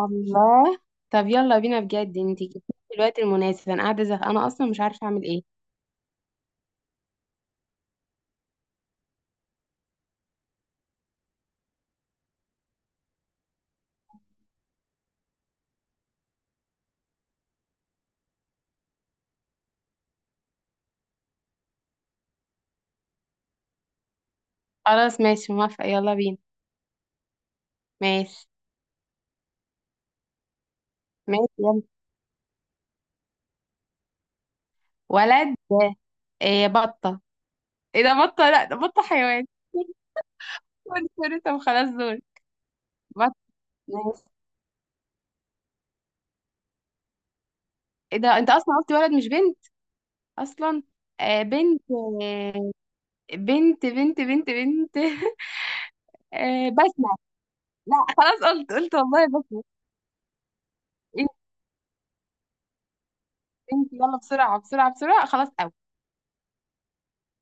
الله. طب يلا بينا، بجد انت جبتيلي في الوقت المناسب، انا قاعده زهقانه اصلا مش عارفه اعمل ايه. خلاص ماشي، موافقه، يلا بينا. ماشي. ماشي يلا. ولد. إيه؟ بطه. ايه ده؟ بطه، لا ده بطه حيوان. سوري سوري، طب خلاص دول. بطه. ماشي. ايه ده؟ انت اصلا قلت ولد مش بنت اصلا. آه بنت، آه. بنت بنت بنت بنت. آه بسمه. لا خلاص، قلت والله بسمه. انت انت يلا، بسرعه بسرعه بسرعه، خلاص.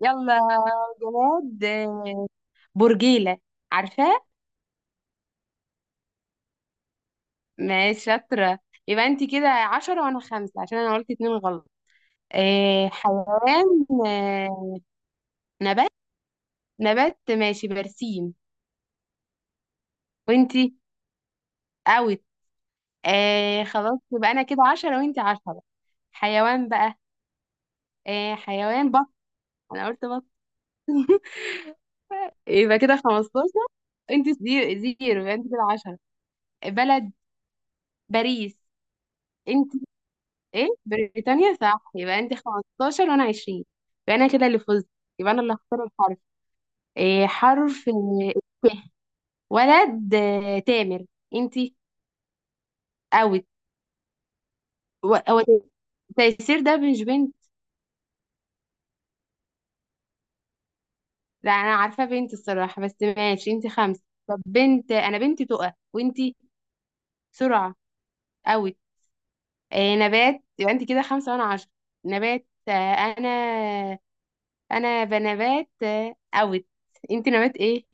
يلا يا جماد، برجيلة، عارفاه؟ ماشي شاطرة. يبقى انت كده عشرة وانا خمسة عشان انا قلت اتنين غلط. آه حيوان، نبات. نبات ماشي، برسيم. وانتي؟ اوت. آه خلاص، يبقى انا كده عشرة وانتي عشرة. حيوان بقى. آه حيوان، بط. انا قلت بط، يبقى كده خمستاشر، انتي زيرو زيرو يبقى انتي كده عشرة. بلد، باريس. انت؟ ايه بريطانيا، صح، يبقى انت 15 وانا 20. يبقى انا كده اللي فزت، يبقى انا اللي هختار الحرف. إيه حرف؟ ت. ولد، تامر. انت؟ اوت. هو تيسير ده مش بنت. لا انا عارفه بنت الصراحه، بس ماشي، انت خمسه. طب بنت، انا بنتي تقى، وانت؟ سرعه. اوت. إيه، نبات، يبقى انت كده خمسه وانا عشرة. نبات، انا. انا بنبات، اوت. انت نبات ايه؟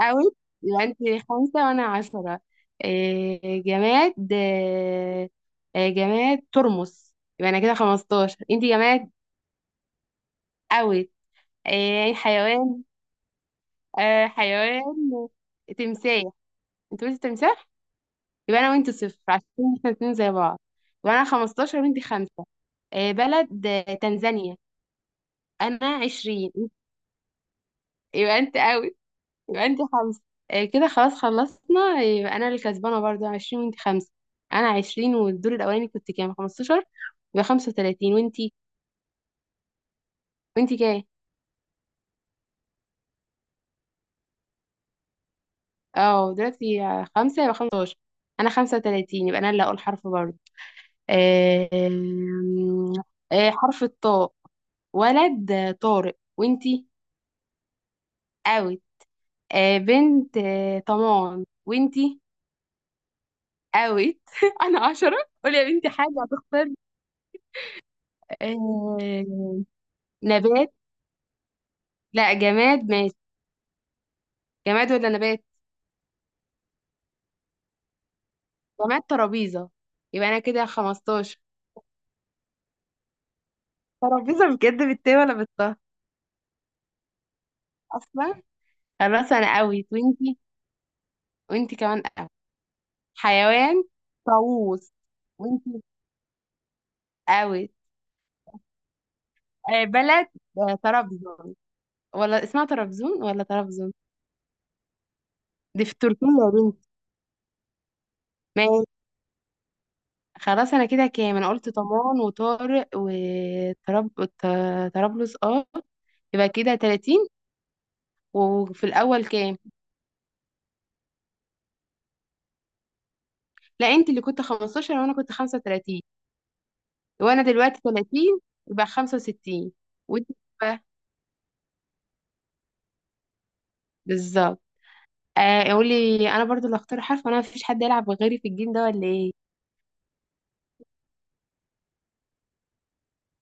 اوت. يبقى انت خمسة وانا عشرة. إيه جماد؟ إيه؟ إيه جماد، ترمس. يبقى انا كده خمستاشر. انت جماد؟ اوت. إيه حيوان؟ آه حيوان، تمساح. انت قلت تمساح، يبقى انا وانت صفر عشان احنا اتنين زي بعض. يبقى انا خمستاشر وانت خمسة. إيه بلد؟ تنزانيا. انا عشرين. يبقى انت اوت، يبقى انت خمسة. كده خلاص خلصنا، يبقى انا اللي كسبانة برضو عشرين وانت خمسة. انا عشرين، والدور الاولاني كنت كام؟ خمستاشر، يبقى خمسة وتلاتين. وانتي؟ وانتي كام؟ اه دلوقتي خمسة، يبقى خمستاشر. انا خمسة وتلاتين، يبقى انا اللي اقول حرف برضو. آه، آم، آه، حرف الطاء. ولد، طارق. وانتي؟ اوت. بنت، طمان. وانتي؟ اوت. انا عشرة. قولي يا بنتي حاجة هتختار. آه، نبات؟ لا جماد ماشي. جماد ولا نبات؟ جماد، ترابيزة، يبقى انا كده 15. ترابيزة بجد بالتاء ولا بالطه اصلا؟ خلاص انا قوي، وانتي؟ وانتي كمان قوي. حيوان، طاووس. وانتي؟ قوي. آه بلد، آه طرابزون. ولا اسمها طرابزون ولا طرابزون؟ دي في تركيا يا بنتي. ماشي خلاص. انا كده كام؟ انا قلت طمان وطارق وطراب وط- طرابلس، اه، يبقى كده 30. وفي الاول كام؟ لا انت اللي كنت 15، وانا كنت 35، وانا دلوقتي 30، يبقى 65. وانت بقى؟ بالظبط. آه قولي، انا برضو اللي اختار حرف، وانا مفيش حد يلعب غيري في الجيم ده ولا ايه؟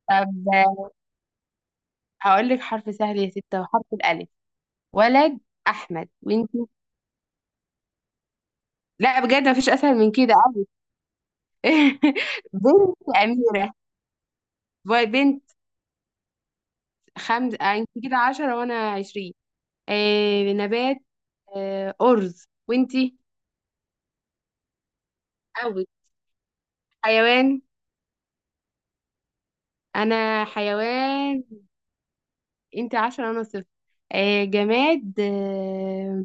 طب هقول لك حرف سهل يا ستة، وحرف الالف. ولد، احمد. وانت؟ لا بجد مفيش اسهل من كده أوي. بنت، اميرة. بنت، خمسة. انت كده 10 وانا 20. آه نبات، آه ارز. وانت؟ قوي. حيوان. انا حيوان. انت عشرة انا صفر. آه جماد، آه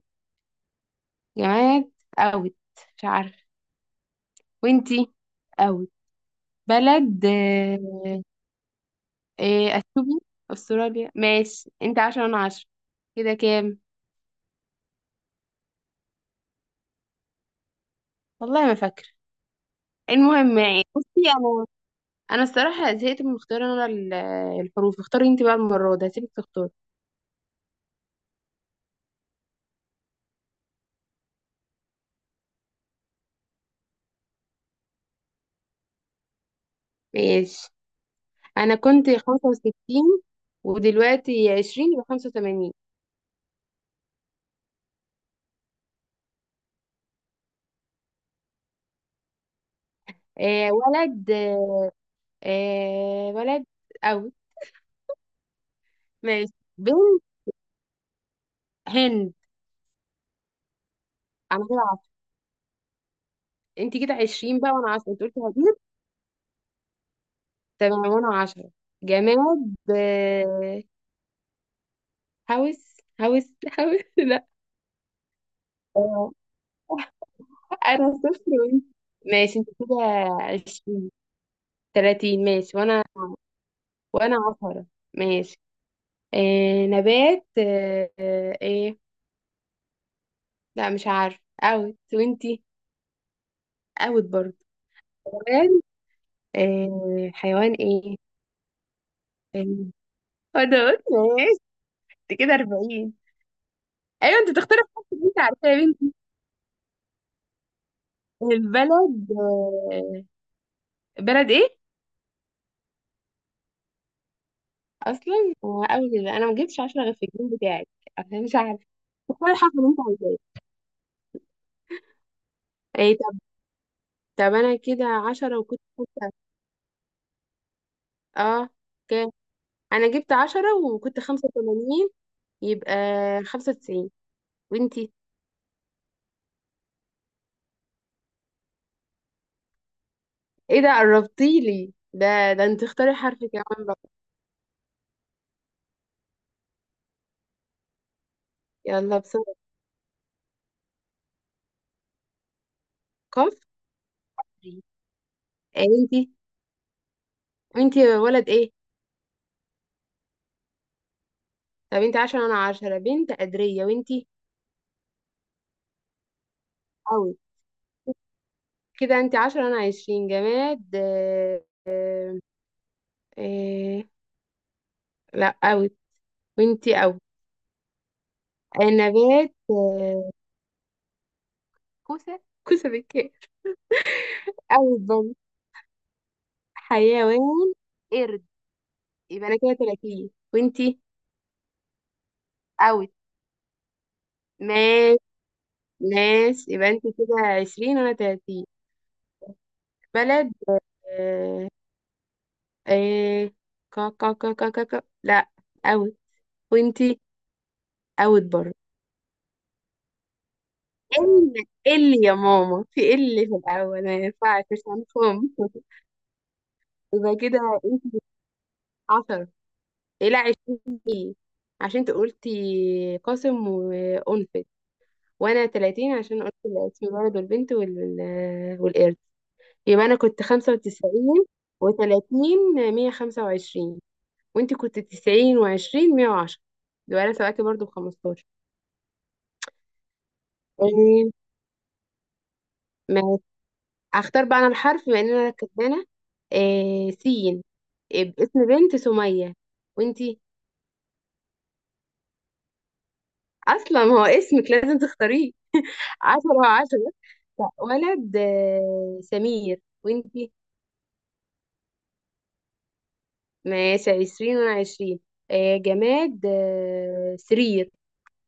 جماد، اوت، مش عارفه. وانتي؟ اوت. بلد، آه، آه اثيوبيا. استراليا، ماشي، انت عشرة انا عشرة. كده كام؟ والله ما فاكره. المهم يعني، بصي انا، انا الصراحه زهقت من اختيار انا الحروف. اختاري انت بقى، المره دي هسيبك تختاري. ماشي، انا كنت 65، ودلوقتي 20، يبقى 85. آه ولد، آه ولد، أوي. ماشي. بنت، هند. أنا كده عشرة. أنت كده عشرين بقى وأنا عشرة، أنت قلتي هجيب. تمام، وأنا عشرة. جماد، آه، هوس، هوس، هوس. لا. آه، أنا صفر. وأنت؟ ماشي أنت كده عشرين، تلاتين ماشي. وأنا، وأنا عشرة. ماشي. آه نبات، إيه؟ لا مش عارف، أوت. وأنتي؟ أوت برضه. حيوان. آه حيوان إيه؟ آه، انا قلت ماشي. انت كده 40. ايوه انت تختار الحاجات اللي انت عارفاها يا بنتي. البلد، بلد ايه؟ اصلا هو اول كده انا ما جبتش 10 غير في الجيم بتاعك. انا مش عارفه تختار الحرف اللي انت عايزاه. ايه طب؟ طب انا كده 10 وكنت خمسة، اه. كام؟ انا جبت 10، وكنت 85، يبقى 95. وانتي؟ ايه ده قربتيلي ده؟ ده انت اختاري حرف كمان بقى. يلا بسرعه. كفري. ايه؟ انتي، انتي ولد ايه؟ طب انت عشرة انا عشرة. بنت قدرية. وانتي؟ قوي. كده انتي عشرة انا عشرين. جماد، آه، آه، لا قوي. وانتي؟ قوي. نبات، كوسة. كوسة بالكاف؟ قوي برضه. حيوان، قرد، يبقى انا كده تلاتين. وانتي؟ قوي. ناس، ناس، يبقى انتي كده عشرين وانا تلاتين. بلد، آه، آه، كا كا كا كا كا كا، لا قوي. وانتي؟ قوي برضه. ال، ال يا ماما في ال، في الأول ما ينفعش، مش هنفهم. يبقى كده انت عشرة. إيه؟ لا عشرين ليه؟ عشان انت قلتي قاسم وأنفت. وأنا تلاتين عشان قلت الاسم الولد والبنت وال... والقرد. يبقى أنا كنت خمسة وتسعين وتلاتين، مية خمسة وعشرين. وانت كنت تسعين وعشرين، مية وعشرة. يبقى أنا سبقتي برضه بخمستاشر. تمام، اختار بقى انا الحرف بما ان انا كسبانه. آه سين. آه باسم. بنت، سميه. وانتي؟ اصلا هو اسمك لازم تختاريه. عشرة وعشرة. لا، ولد، آه سمير. وانتي؟ ماشي، عشرين وانا عشرين. آه جماد، آه سرير.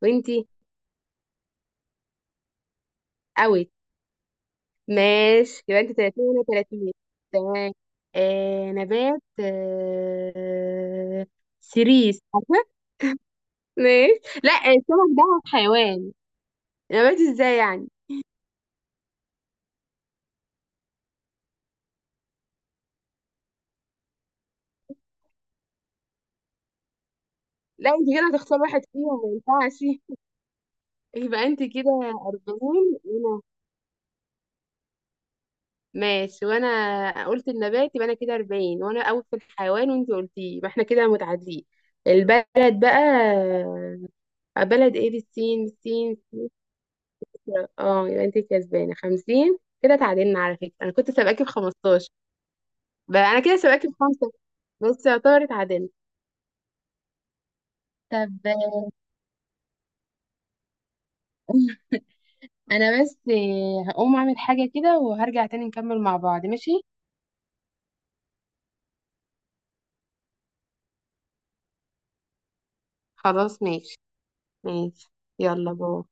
وانتي؟ اوت. ماشي، يبقى انت تلاتين وانا تلاتين، تمام. آه نبات، آه سيريس، عارفة؟ ماشي. لا السمك ده حيوان. انا بقيت ازاي يعني؟ لا انت كده هتختار واحد فيهم، ما ينفعش. يبقى انت كده 40. وانا؟ ماشي، وانا قلت النبات، يبقى انا كده 40، وانا اول في الحيوان وانت قلتيه، يبقى احنا كده متعادلين. البلد بقى، بلد ايه بالسين، السين. اه، يبقى انت كسبانه 50، كده تعادلنا. على فكره انا كنت سابقاكي ب 15، بقى انا كده سابقاكي بخمسه، بس يعتبر اتعادلنا. طب انا بس هقوم اعمل حاجه كده وهرجع تاني نكمل مع بعض، ماشي؟ خلاص ماشي. ماشي، يلا باي.